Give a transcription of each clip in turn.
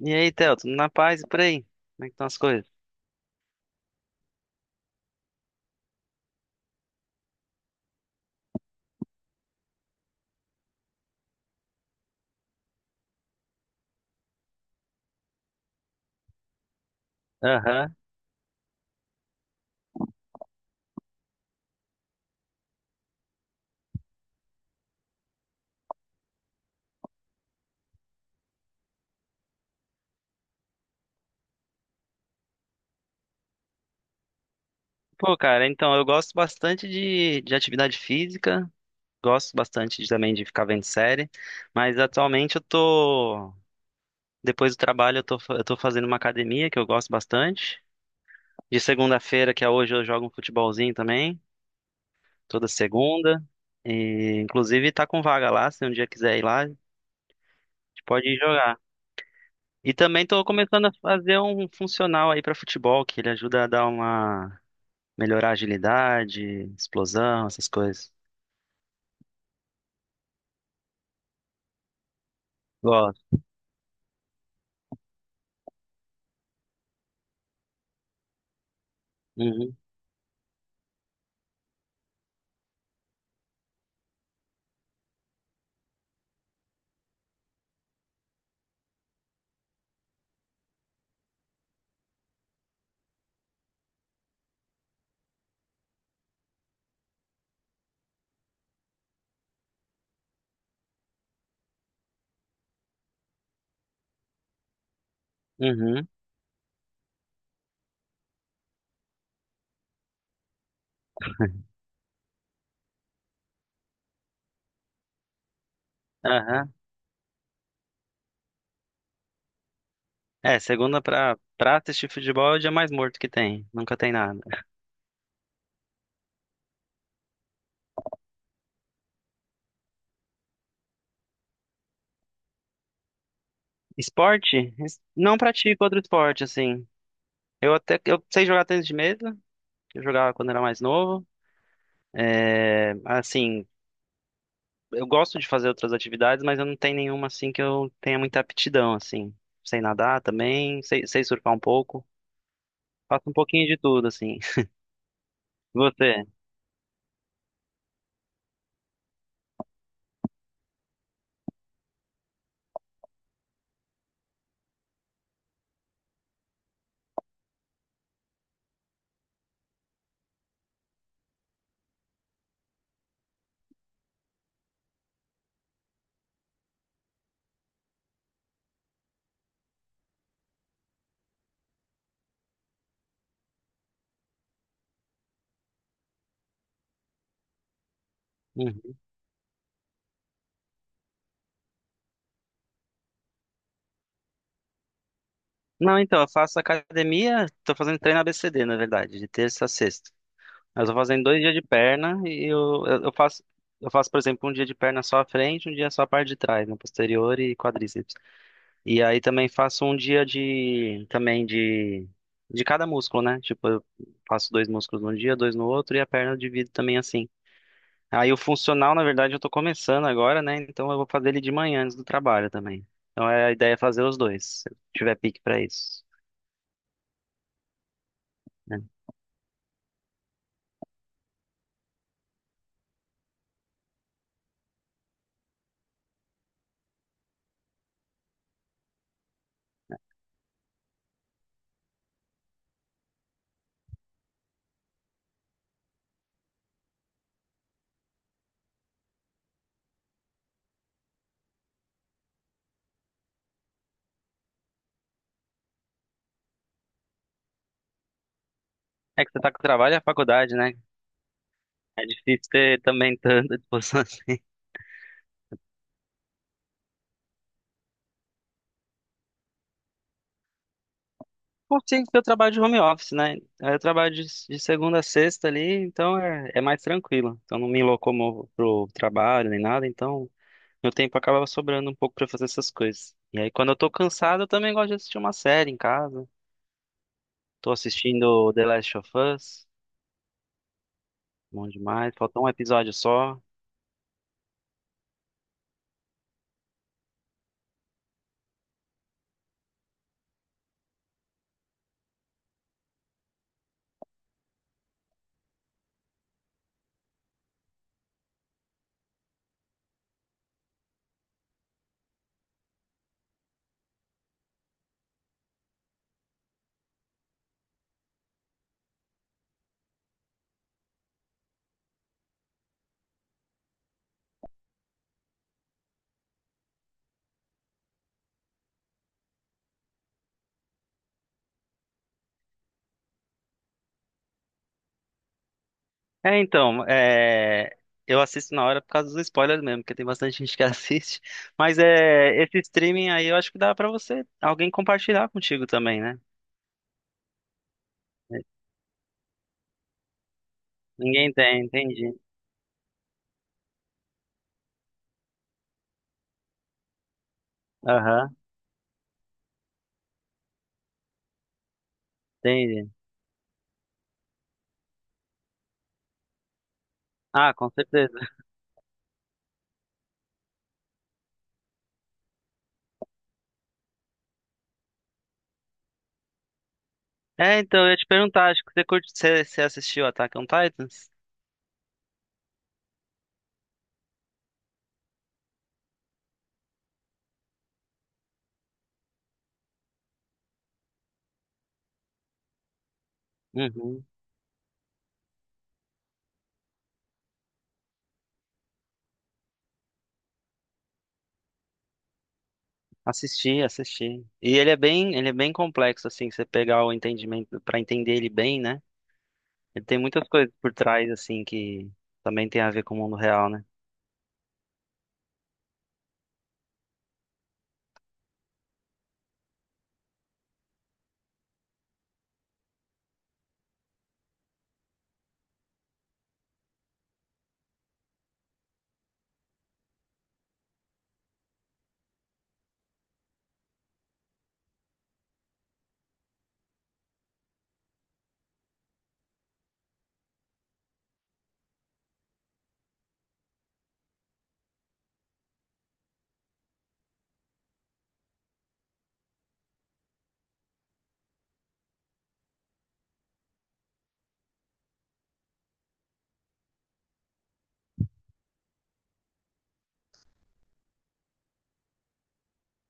E aí, Theo, tudo na paz e por aí? Como é que estão as coisas? Aham. Pô, cara, então, eu gosto bastante de atividade física, gosto bastante também de ficar vendo série, mas atualmente depois do trabalho, eu tô, eu tô fazendo uma academia que eu gosto bastante. De segunda-feira, que é hoje, eu jogo um futebolzinho também, toda segunda. E, inclusive, tá com vaga lá, se um dia quiser ir lá, a gente pode ir jogar. E também tô começando a fazer um funcional aí pra futebol, que ele ajuda a dar uma melhorar a agilidade, explosão, essas coisas. Gosto. Uhum. Uhum. Aham. É, segunda pra assistir futebol é o dia mais morto que tem. Nunca tem nada. Esporte? Não pratico outro esporte, assim. Eu até eu sei jogar tênis de mesa, que eu jogava quando era mais novo. É, assim, eu gosto de fazer outras atividades, mas eu não tenho nenhuma assim que eu tenha muita aptidão, assim. Sei nadar também, sei surfar um pouco. Faço um pouquinho de tudo, assim. Você? Não, então, eu faço academia, tô fazendo treino ABCD, na verdade, de terça a sexta. Mas eu tô fazendo dois dias de perna e eu faço, eu faço, por exemplo, um dia de perna só à frente, um dia só a parte de trás, né, posterior e quadríceps. E aí também faço um dia de, também de cada músculo, né? Tipo, eu faço dois músculos num dia, dois no outro e a perna eu divido também assim. Aí o funcional, na verdade, eu tô começando agora, né? Então eu vou fazer ele de manhã antes do trabalho também. Então a ideia é fazer os dois, se eu tiver pique pra isso. Né? É que você tá com trabalho e a faculdade, né? É difícil ter também tanta disposição assim. Bom, sim, porque eu trabalho de home office, né? Aí eu trabalho de segunda a sexta ali, então é mais tranquilo. Então não me locomovo pro trabalho nem nada, então meu tempo acaba sobrando um pouco pra fazer essas coisas. E aí quando eu tô cansado, eu também gosto de assistir uma série em casa. Tô assistindo The Last of Us, bom demais. Faltou um episódio só. É, então, é, eu assisto na hora por causa dos spoilers mesmo, porque tem bastante gente que assiste. Mas é, esse streaming aí eu acho que dá pra você, alguém compartilhar contigo também, né? Ninguém tem, entendi. Aham, entendi. Ah, com certeza. É, então, eu ia te perguntar, acho que você curte, você assistiu Attack on Titans? Uhum. Assisti, assisti. E ele é bem complexo, assim, você pegar o entendimento, pra entender ele bem, né? Ele tem muitas coisas por trás, assim, que também tem a ver com o mundo real, né?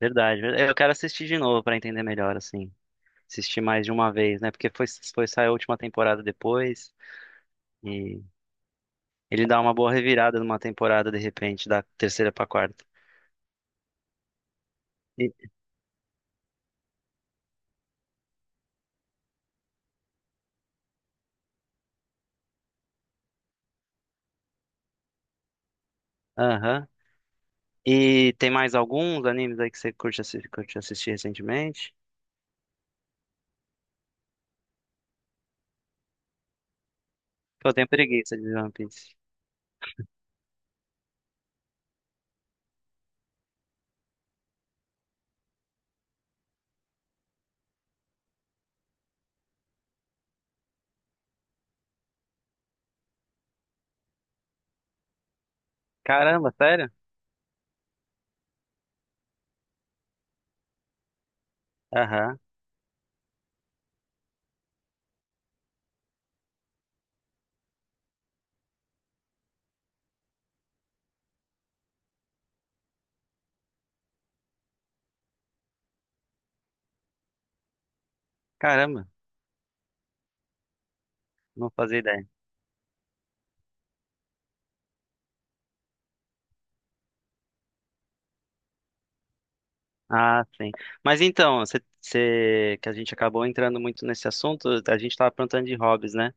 Verdade, eu quero assistir de novo pra entender melhor, assim. Assistir mais de uma vez, né? Porque foi sair a última temporada depois e ele dá uma boa revirada numa temporada de repente, da terceira pra quarta. E, aham. E tem mais alguns animes aí que você curte, curte assistir recentemente? Pô, eu tenho preguiça de One Piece. Caramba, sério? Aham. Caramba, não fazia ideia. Ah, sim. Mas então, você- que a gente acabou entrando muito nesse assunto, a gente estava perguntando de hobbies, né?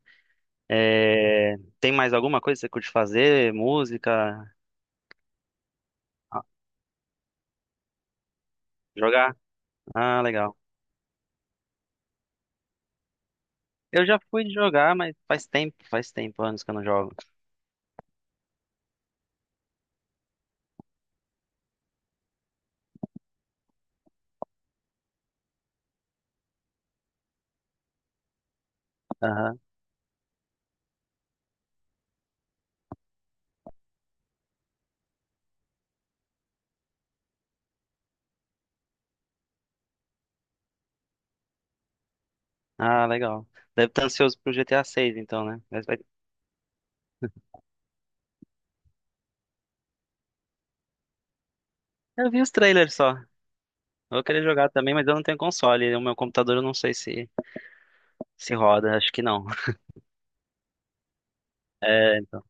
É, tem mais alguma coisa que você curte fazer? Música? Ah, jogar? Ah, legal. Eu já fui jogar, mas faz tempo, anos que eu não jogo. Aham. Ah, legal. Deve estar ansioso pro GTA 6, então, né? Mas vai- eu vi os trailers só. Eu vou querer jogar também, mas eu não tenho console. O meu computador eu não sei se se roda, acho que não. É, então.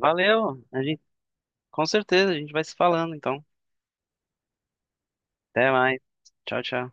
Valeu. A gente, com certeza, a gente vai se falando, então. Até mais. Tchau, tchau.